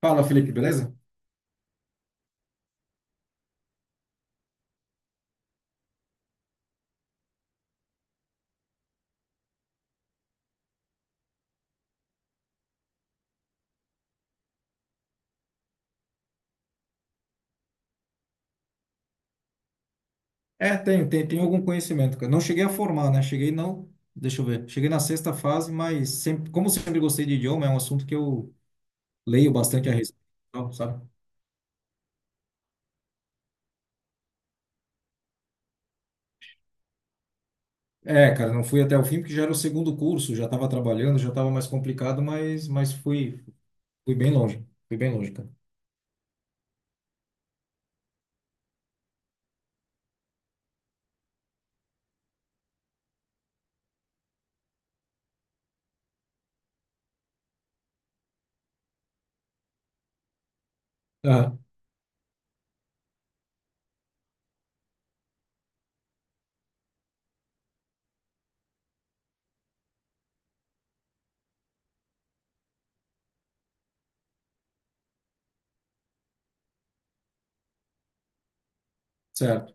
Fala, Felipe, beleza? É, tenho algum conhecimento, cara. Não cheguei a formar, né? Cheguei não, deixa eu ver. Cheguei na sexta fase, como sempre gostei de idioma, é um assunto que eu leio bastante a respeito, e tal, sabe? É, cara, não fui até o fim porque já era o segundo curso, já estava trabalhando, já estava mais complicado, mas fui bem longe, fui bem longe, cara. Ah, certo.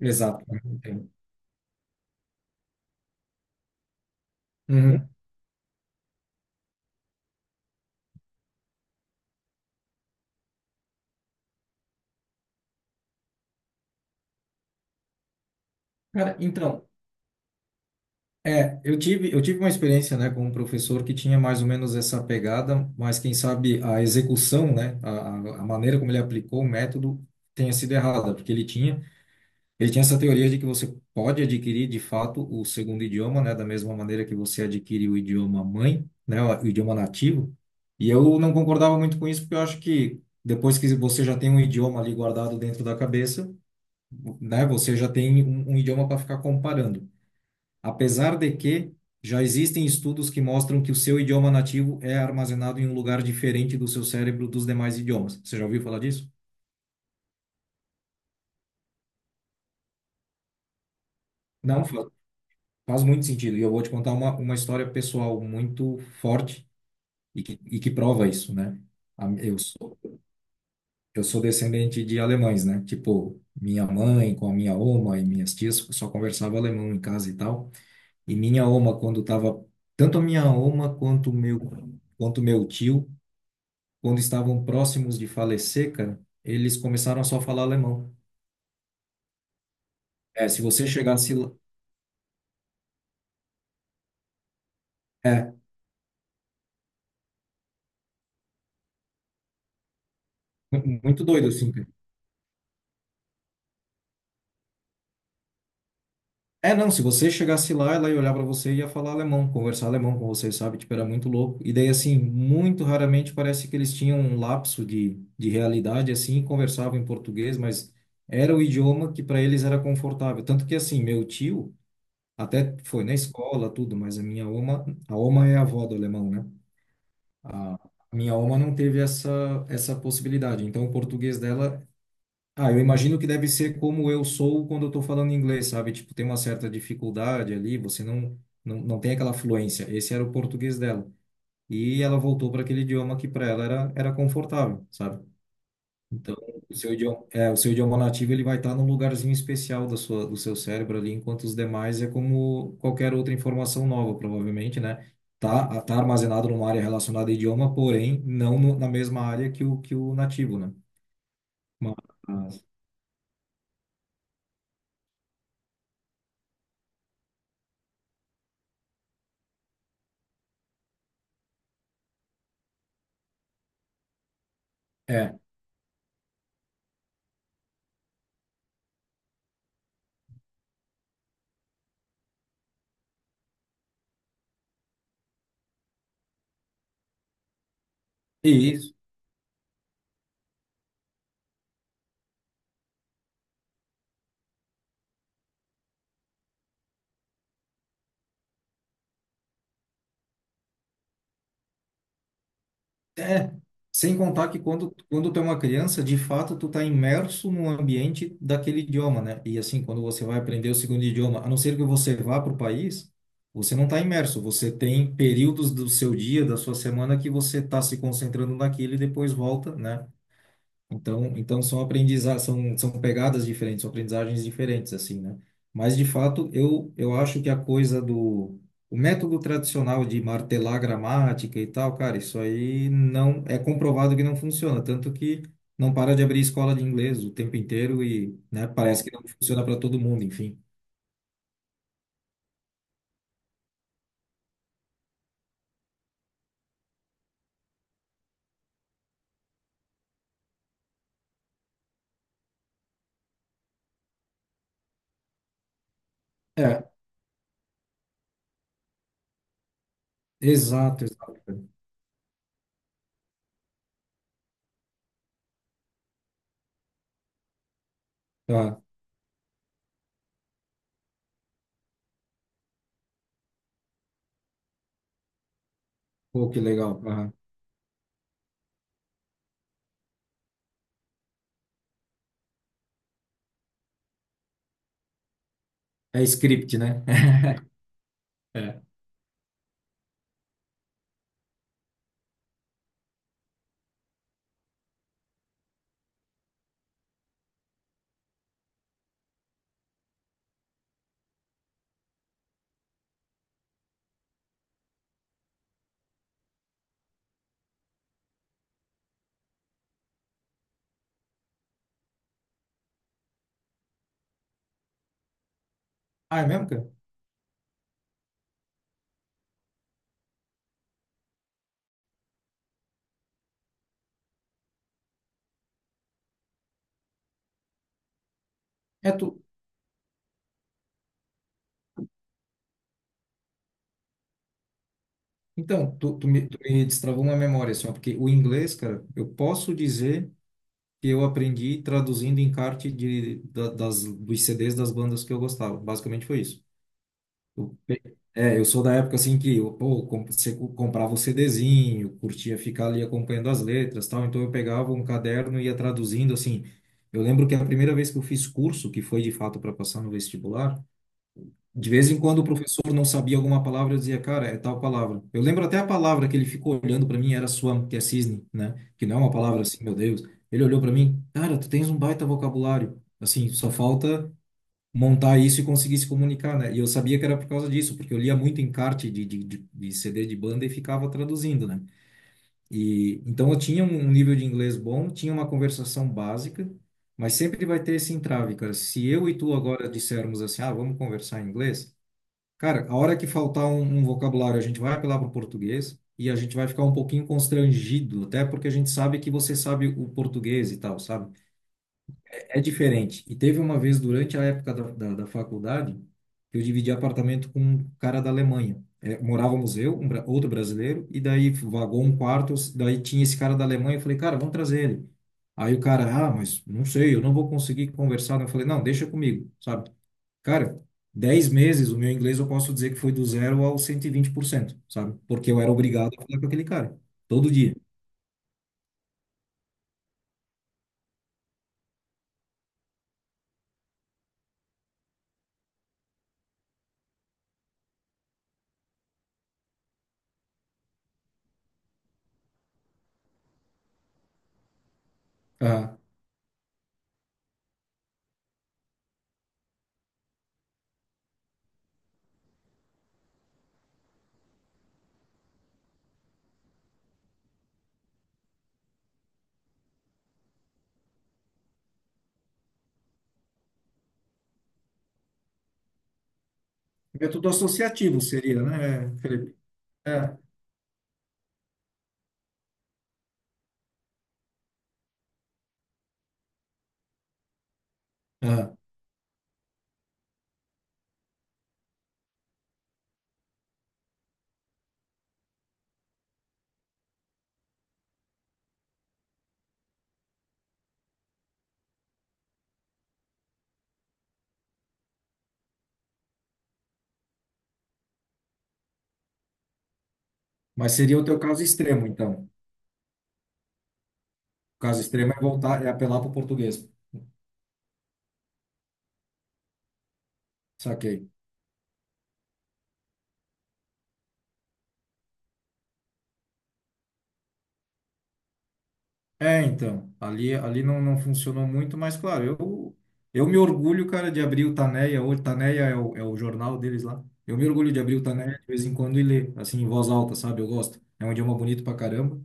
Exato. Entendo. Uhum. Cara, então, é, eu tive uma experiência, né, com um professor que tinha mais ou menos essa pegada, mas quem sabe a execução, né, a maneira como ele aplicou o método tenha sido errada, porque ele tinha essa teoria de que você pode adquirir, de fato, o segundo idioma, né, da mesma maneira que você adquire o idioma mãe, né, o idioma nativo. E eu não concordava muito com isso, porque eu acho que depois que você já tem um idioma ali guardado dentro da cabeça, né, você já tem um idioma para ficar comparando, apesar de que já existem estudos que mostram que o seu idioma nativo é armazenado em um lugar diferente do seu cérebro dos demais idiomas. Você já ouviu falar disso? Não, faz muito sentido. E eu vou te contar uma história pessoal muito forte e que prova isso, né? A- Eu sou, eu sou descendente de alemães, né? Tipo, minha mãe com a minha oma e minhas tias só conversava alemão em casa e tal. E minha oma, quando tava tanto a minha oma quanto o meu tio, quando estavam próximos de falecer, cara, eles começaram a só falar alemão. É, se você chegasse lá. É, muito doido assim, cara. É, não, se você chegasse lá, ela ia olhar pra você e ia falar alemão, conversar alemão com você, sabe? Tipo, era muito louco. E daí, assim, muito raramente parece que eles tinham um lapso de realidade, assim, e conversavam em português, mas era o idioma que para eles era confortável. Tanto que, assim, meu tio até foi na escola, tudo, mas a minha oma, a oma é a avó do alemão, né? A minha alma não teve essa possibilidade. Então, o português dela. Ah, eu imagino que deve ser como eu sou quando eu estou falando inglês, sabe? Tipo, tem uma certa dificuldade ali, você não tem aquela fluência. Esse era o português dela. E ela voltou para aquele idioma que para ela era confortável, sabe? Então, o seu idioma nativo ele vai estar num lugarzinho especial do seu cérebro ali, enquanto os demais é como qualquer outra informação nova, provavelmente, né? Tá armazenado numa área relacionada a idioma, porém não no, na mesma área que o nativo, né? Mas, é. E É, sem contar que quando tu é uma criança, de fato tu tá imerso no ambiente daquele idioma, né? E assim, quando você vai aprender o segundo idioma, a não ser que você vá para o país, você não tá imerso, você tem períodos do seu dia, da sua semana que você tá se concentrando naquilo e depois volta, né? Então, são pegadas diferentes, são aprendizagens diferentes, assim, né? Mas, de fato, eu acho que o método tradicional de martelar a gramática e tal, cara, isso aí não. É comprovado que não funciona, tanto que não para de abrir escola de inglês o tempo inteiro e, né, parece que não funciona para todo mundo, enfim. É, exato, exato. Ah, pô, que legal. Aham. É script, né? É. Ah, é mesmo, cara? É tu, Então, tu me destravou uma memória, assim, ó, porque o inglês, cara, eu posso dizer que eu aprendi traduzindo encarte dos CDs das bandas que eu gostava. Basicamente foi isso. Eu pe- é, eu sou da época, assim, que eu, pô, você comprava o CDzinho, curtia ficar ali acompanhando as letras, tal, então eu pegava um caderno e ia traduzindo, assim. Eu lembro que a primeira vez que eu fiz curso, que foi de fato para passar no vestibular, de vez em quando o professor não sabia alguma palavra, eu dizia, cara, é tal palavra. Eu lembro até a palavra que ele ficou olhando para mim era swam, que é cisne, né? Que não é uma palavra assim, meu Deus. Ele olhou para mim, cara, tu tens um baita vocabulário. Assim, só falta montar isso e conseguir se comunicar, né? E eu sabia que era por causa disso, porque eu lia muito encarte de CD de banda e ficava traduzindo, né? E então eu tinha um nível de inglês bom, tinha uma conversação básica, mas sempre vai ter esse entrave, cara. Se eu e tu agora dissermos assim, ah, vamos conversar em inglês. Cara, a hora que faltar um vocabulário, a gente vai apelar para o português e a gente vai ficar um pouquinho constrangido, até porque a gente sabe que você sabe o português e tal, sabe? É diferente. E teve uma vez durante a época da faculdade que eu dividi apartamento com um cara da Alemanha. É, morávamos eu, um, outro brasileiro, e daí vagou um quarto, daí tinha esse cara da Alemanha. Eu falei, cara, vamos trazer ele. Aí o cara, ah, mas não sei, eu não vou conseguir conversar. Eu falei, não, deixa comigo, sabe? Cara, 10 meses, o meu inglês eu posso dizer que foi do zero ao 120%, sabe? Porque eu era obrigado a falar com aquele cara, todo dia. Ah, é tudo associativo, seria, né, Felipe? É. Ah, mas seria o teu caso extremo, então. O caso extremo é voltar, é apelar para o português. Saquei. É, então, ali, ali não, não funcionou muito, mas claro, eu me orgulho, cara, de abrir o Taneia, hoje Taneia é o jornal deles lá. Eu me orgulho de abrir o Taneia de vez em quando e ler, assim, em voz alta, sabe? Eu gosto. É um idioma bonito pra caramba.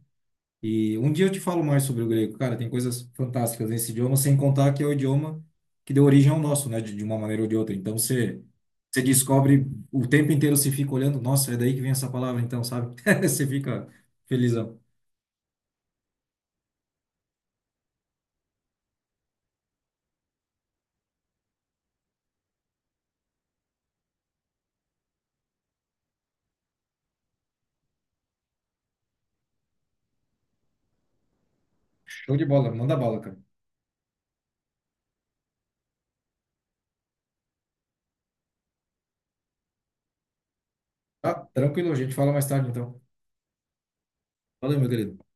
E um dia eu te falo mais sobre o grego. Cara, tem coisas fantásticas nesse idioma, sem contar que é o idioma que deu origem ao nosso, né? De uma maneira ou de outra. Então você descobre o tempo inteiro, se fica olhando, nossa, é daí que vem essa palavra, então, sabe? Você fica felizão. Show de bola, manda bala, cara. Tá? Tranquilo, a gente fala mais tarde, então. Valeu, meu querido.